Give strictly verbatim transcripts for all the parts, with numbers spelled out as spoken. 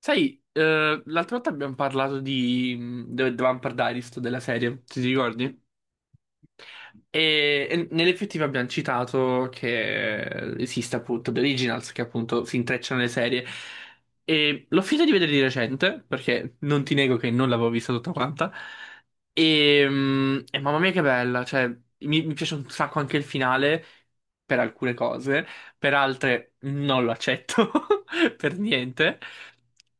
Sai, eh, l'altra volta abbiamo parlato di mh, The The Vampire Diaries, della serie, ti ricordi? E, e nell'effettivo abbiamo citato che esiste appunto The Originals, che appunto si intrecciano le serie. E l'ho finita di vedere di recente, perché non ti nego che non l'avevo vista tutta quanta. E, mh, e mamma mia che bella, cioè mi, mi piace un sacco anche il finale, per alcune cose, per altre non lo accetto per niente.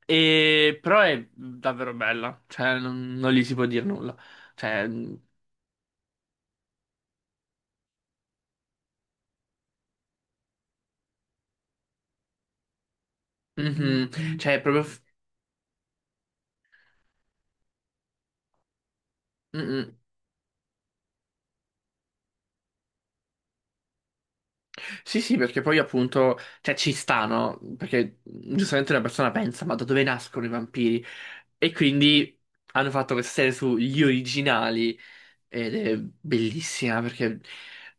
E- però è davvero bella, cioè non, non gli si può dire nulla. Cioè, mhm, cioè è proprio... f- Mhm. Sì, sì, perché poi appunto, cioè ci sta, no? Perché giustamente una persona pensa, ma da dove nascono i vampiri? E quindi hanno fatto questa serie sugli originali ed è bellissima perché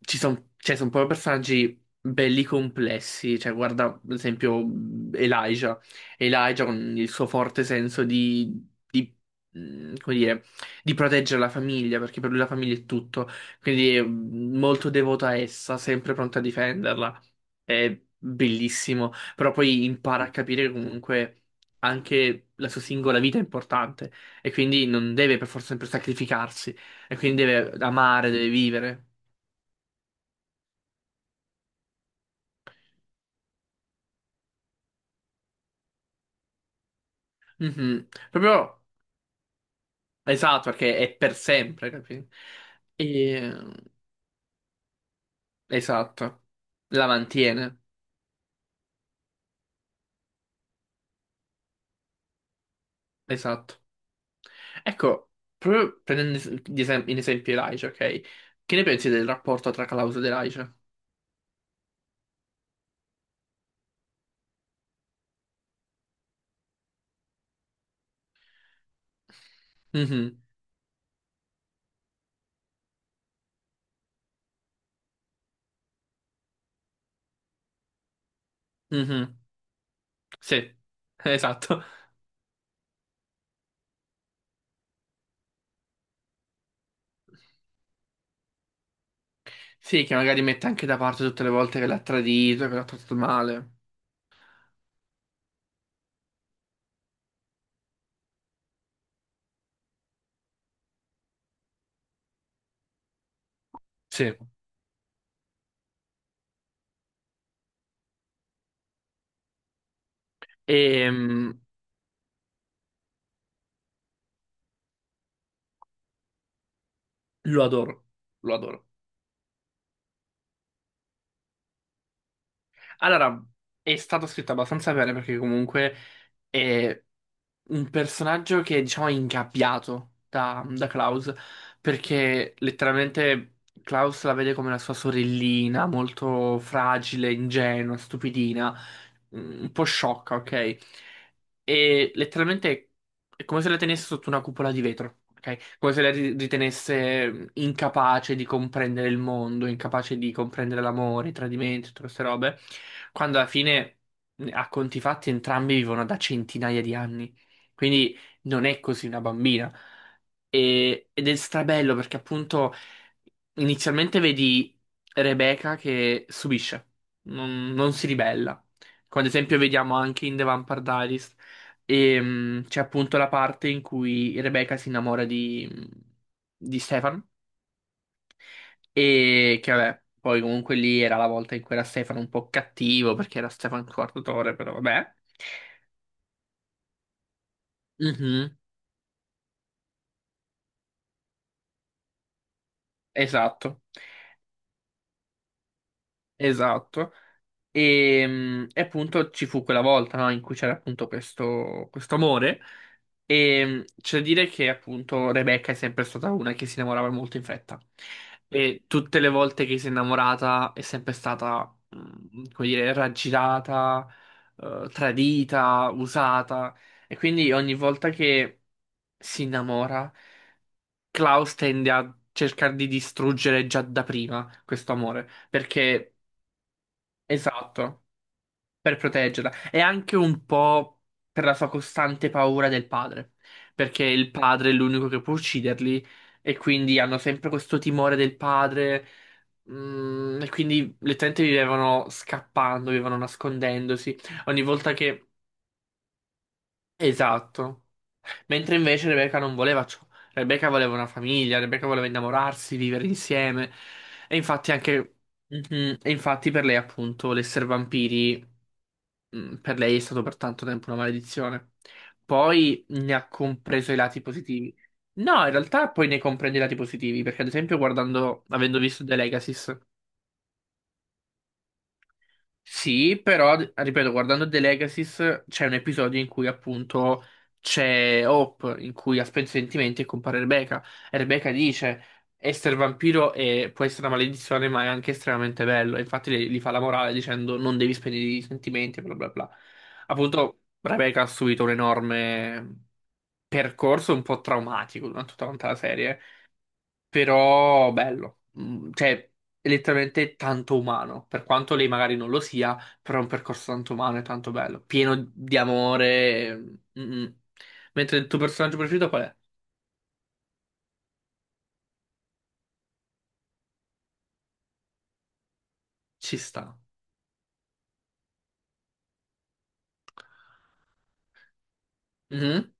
ci sono cioè, son proprio personaggi belli complessi. Cioè, guarda, ad esempio, Elijah. Elijah con il suo forte senso di, di, mm, come dire, di proteggere la famiglia, perché per lui la famiglia è tutto. Quindi è molto devoto a essa, sempre pronto a difenderla. È bellissimo. Però poi impara a capire che comunque anche la sua singola vita è importante e quindi non deve per forza sempre sacrificarsi. E quindi deve amare, deve vivere. Mhm. Proprio esatto, perché è per sempre, capito? E... Esatto. La mantiene. Esatto. Ecco, proprio prendendo es- di esem- in esempio Elijah, ok? Che ne pensi del rapporto tra Klaus ed Elijah? Mhm, mhm. Sì, esatto. Sì, che magari mette anche da parte tutte le volte che l'ha tradito, che l'ha trattato male. Sì. E lo adoro, lo adoro. Allora, è stato scritto abbastanza bene perché comunque è un personaggio che, diciamo, è diciamo, ingabbiato da, da Klaus perché letteralmente Klaus la vede come la sua sorellina, molto fragile, ingenua, stupidina, mm, un po' sciocca, ok? E letteralmente è come se la tenesse sotto una cupola di vetro, ok? Come se la ri- ritenesse incapace di comprendere il mondo, incapace di comprendere l'amore, i tradimenti, tutte queste robe, quando alla fine, a conti fatti, entrambi vivono da centinaia di anni. Quindi non è così una bambina. E- ed è strabello perché appunto inizialmente vedi Rebecca che subisce, non, non si ribella. Come ad esempio vediamo anche in The Vampire Diaries, ehm, c'è appunto la parte in cui Rebecca si innamora di, di Stefan e che vabbè, poi comunque lì era la volta in cui era Stefan un po' cattivo perché era Stefan Quartatore, però vabbè. Mhm, esatto, esatto. E, mm, e appunto ci fu quella volta, no, in cui c'era appunto questo, questo amore. E mm, c'è da dire che appunto Rebecca è sempre stata una che si innamorava molto in fretta. E tutte le volte che si è innamorata è sempre stata, mm, come dire, raggirata, eh, tradita, usata. E quindi ogni volta che si innamora, Klaus tende a cercare di distruggere già da prima questo amore. Perché, esatto, per proteggerla e anche un po' per la sua costante paura del padre, perché il padre è l'unico che può ucciderli e quindi hanno sempre questo timore del padre, mm, e quindi letteralmente vivevano scappando, vivevano nascondendosi. Ogni volta che Esatto. Mentre invece Rebecca non voleva ciò. Rebecca voleva una famiglia, Rebecca voleva innamorarsi, vivere insieme. E infatti anche... Mhm. E infatti per lei appunto l'essere vampiri, mm, per lei è stato per tanto tempo una maledizione. Poi ne ha compreso i lati positivi. No, in realtà poi ne comprende i lati positivi, perché ad esempio guardando, avendo visto The Legacy. Sì, però, ripeto, guardando The Legacies c'è un episodio in cui appunto c'è Hope, in cui ha spento i sentimenti e compare Rebecca. E Rebecca dice, essere vampiro è- può essere una maledizione, ma è anche estremamente bello. E infatti gli, gli fa la morale dicendo non devi spegnere i sentimenti, bla bla bla. Appunto, Rebecca ha subito un enorme percorso un po' traumatico durante tutta la serie però bello, Mm, cioè è letteralmente tanto umano, per quanto lei magari non lo sia, però è un percorso tanto umano e tanto bello, pieno di amore. Mm, mm. Mm. Mentre il tuo personaggio preferito qual è? Ci sta. Mhm,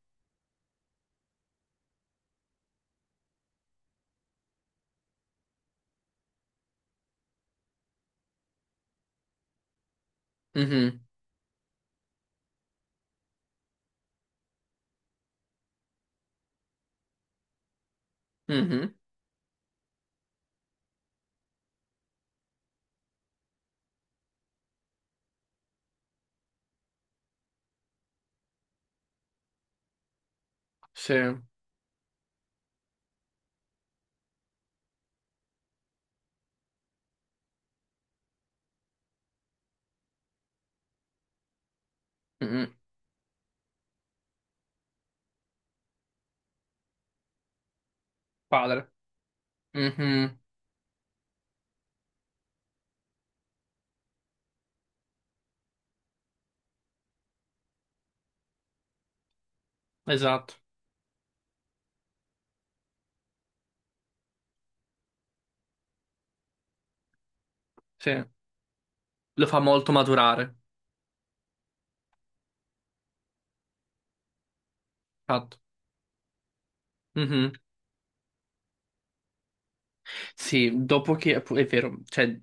mhm, mhm. Sì, mhm. Padre. Mhm, esatto, sì. Lo fa molto maturare. Fatto. Mm-hmm. Sì, dopo che appu- è vero, cioè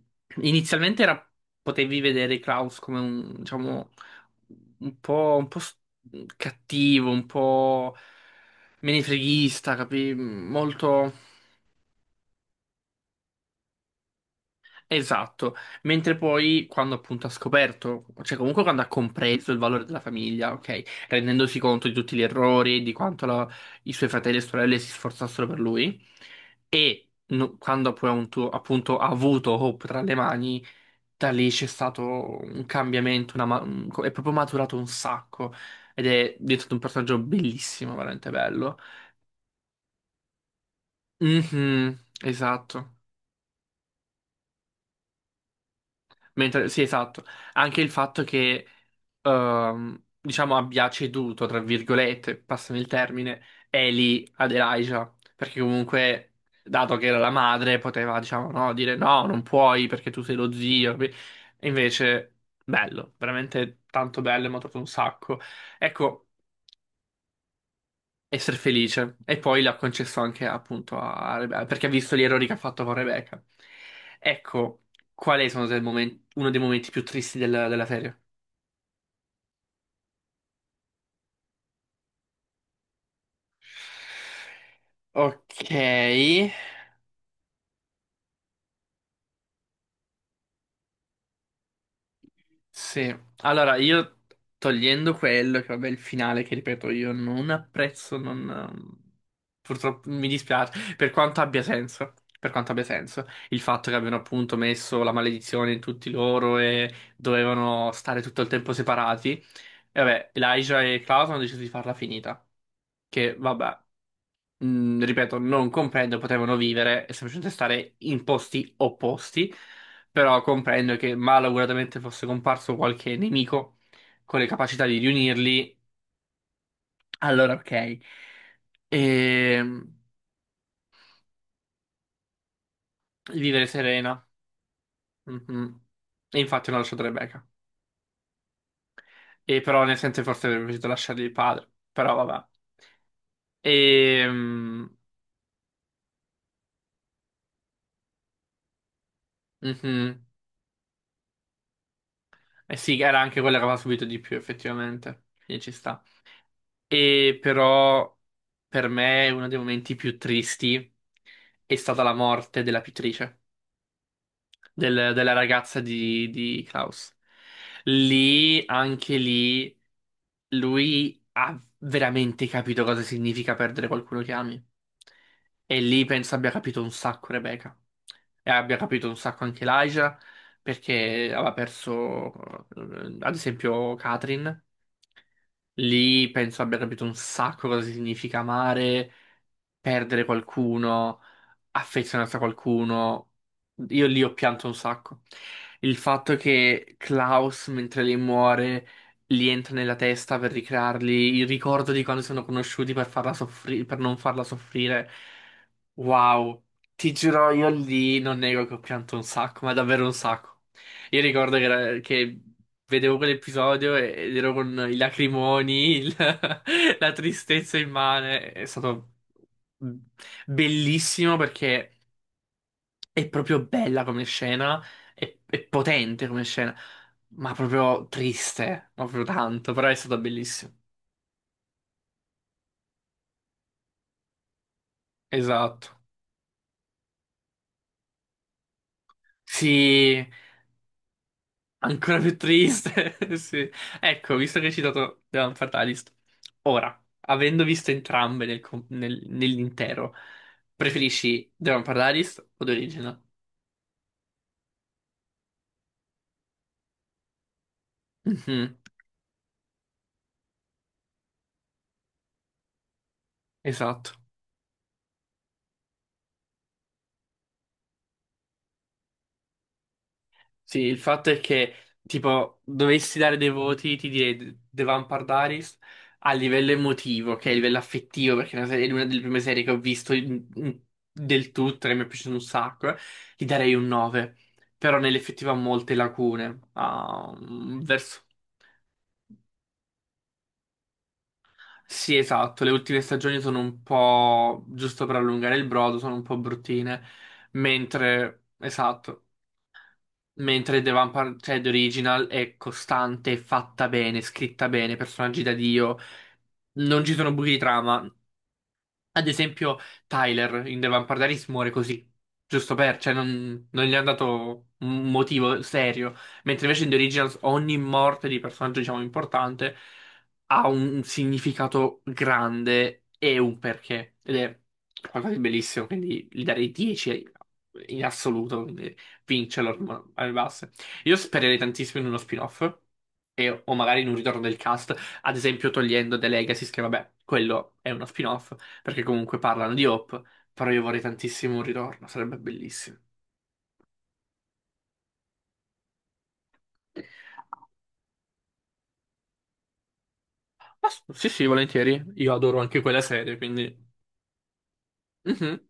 inizialmente era, potevi vedere Klaus come un, diciamo, un po', un po' s- cattivo, un po' menefreghista, capi? Molto esatto. Mentre poi quando appunto ha scoperto, cioè comunque quando ha compreso il valore della famiglia, ok, rendendosi conto di tutti gli errori, di quanto la- i suoi fratelli e sorelle si sforzassero per lui, e no- quando poi ha un tuo- appunto ha avuto Hope tra le mani, da lì c'è stato un cambiamento, una ma- un- è proprio maturato un sacco ed è diventato un personaggio bellissimo, veramente bello. Mhm, esatto. Mentre, sì, esatto. Anche il fatto che, ehm, diciamo, abbia ceduto, tra virgolette, passami il termine, Ellie ad Elijah, perché comunque, dato che era la madre, poteva, diciamo, no, dire no, non puoi perché tu sei lo zio. Capi? E invece, bello, veramente tanto bello, mi ha trovato un sacco. Ecco. Essere felice. E poi l'ha concesso anche appunto a Rebecca, perché ha visto gli errori che ha fatto con Rebecca. Ecco, qual è sono del momen- uno dei momenti più tristi del- della serie? Ok. Sì, allora io togliendo quello, che vabbè il finale che ripeto io non apprezzo, non... ehm, purtroppo mi dispiace, per quanto abbia senso, per quanto abbia senso, il fatto che abbiano appunto messo la maledizione in tutti loro e dovevano stare tutto il tempo separati, e vabbè Elijah e Klaus hanno deciso di farla finita, che vabbè, mh, ripeto, non comprendo, potevano vivere e semplicemente stare in posti opposti però comprendo che malauguratamente fosse comparso qualche nemico con le capacità di riunirli, allora ok. E vivere serena. Mhm. E infatti non ho lasciato Rebecca. E però nel senso forse avrebbe potuto lasciargli il padre, però vabbè. E, sì, era anche quella che aveva subito di più effettivamente, quindi ci sta. E però per me uno dei momenti più tristi è stata la morte della pittrice. Del- della ragazza di, di Klaus. Lì, anche lì, lui ha veramente capito cosa significa perdere qualcuno che ami. E lì penso abbia capito un sacco Rebecca. E abbia capito un sacco anche Elijah, perché aveva perso, eh, ad esempio, Katrin. Lì penso abbia capito un sacco cosa significa amare, perdere qualcuno affezionato a qualcuno. Io lì ho pianto un sacco. Il fatto che Klaus, mentre lei muore, gli entra nella testa per ricrearli il ricordo di quando si sono conosciuti per farla soffri- per non farla soffrire. Wow, ti giuro, io lì non nego che ho pianto un sacco, ma davvero un sacco. Io ricordo che, era- che vedevo quell'episodio e- ed ero con i lacrimoni, il- la tristezza immane. È stato. Bellissimo perché è proprio bella come scena, è, è potente come scena, ma proprio triste, ma proprio tanto, però è stata bellissima. Esatto. Sì, ancora più triste. Sì. Ecco, visto che hai citato The Land Fatalist, ora, avendo visto entrambe nel com- nel- nell'intero, preferisci The Land Fatalist o The Original? Mhm, esatto. Sì, il fatto è che, tipo, dovessi dare dei voti, ti direi The Vampire Diaries a livello emotivo, che è a livello affettivo, perché è una serie- è una delle prime serie che ho visto in- in- del tutto, che mi è piaciuto un sacco, eh, gli darei un nove. Però nell'effettivo ha molte lacune. ha un- verso... Sì, esatto, le ultime stagioni sono un po', giusto per allungare il brodo, sono un po' bruttine, mentre, esatto. Mentre The Vampire, cioè The Original, è costante, fatta bene, scritta bene, personaggi da Dio. Non ci sono buchi di trama. Ad esempio, Tyler in The Vampire Diaries muore così, giusto per, cioè non, non gli è dato un motivo serio. Mentre invece in The Originals ogni morte di personaggio, diciamo, importante ha un significato grande e un perché. Ed è qualcosa di bellissimo, quindi gli darei dieci in assoluto, quindi vincerlo alle basse. Io spererei tantissimo in uno spin-off. E- o magari in un ritorno del cast, ad esempio togliendo The Legacy, che vabbè, quello è uno spin-off, perché comunque parlano di Hope, però io vorrei tantissimo un ritorno, sarebbe bellissimo. Ma s- sì, sì, volentieri. Io adoro anche quella serie, quindi... Mhm.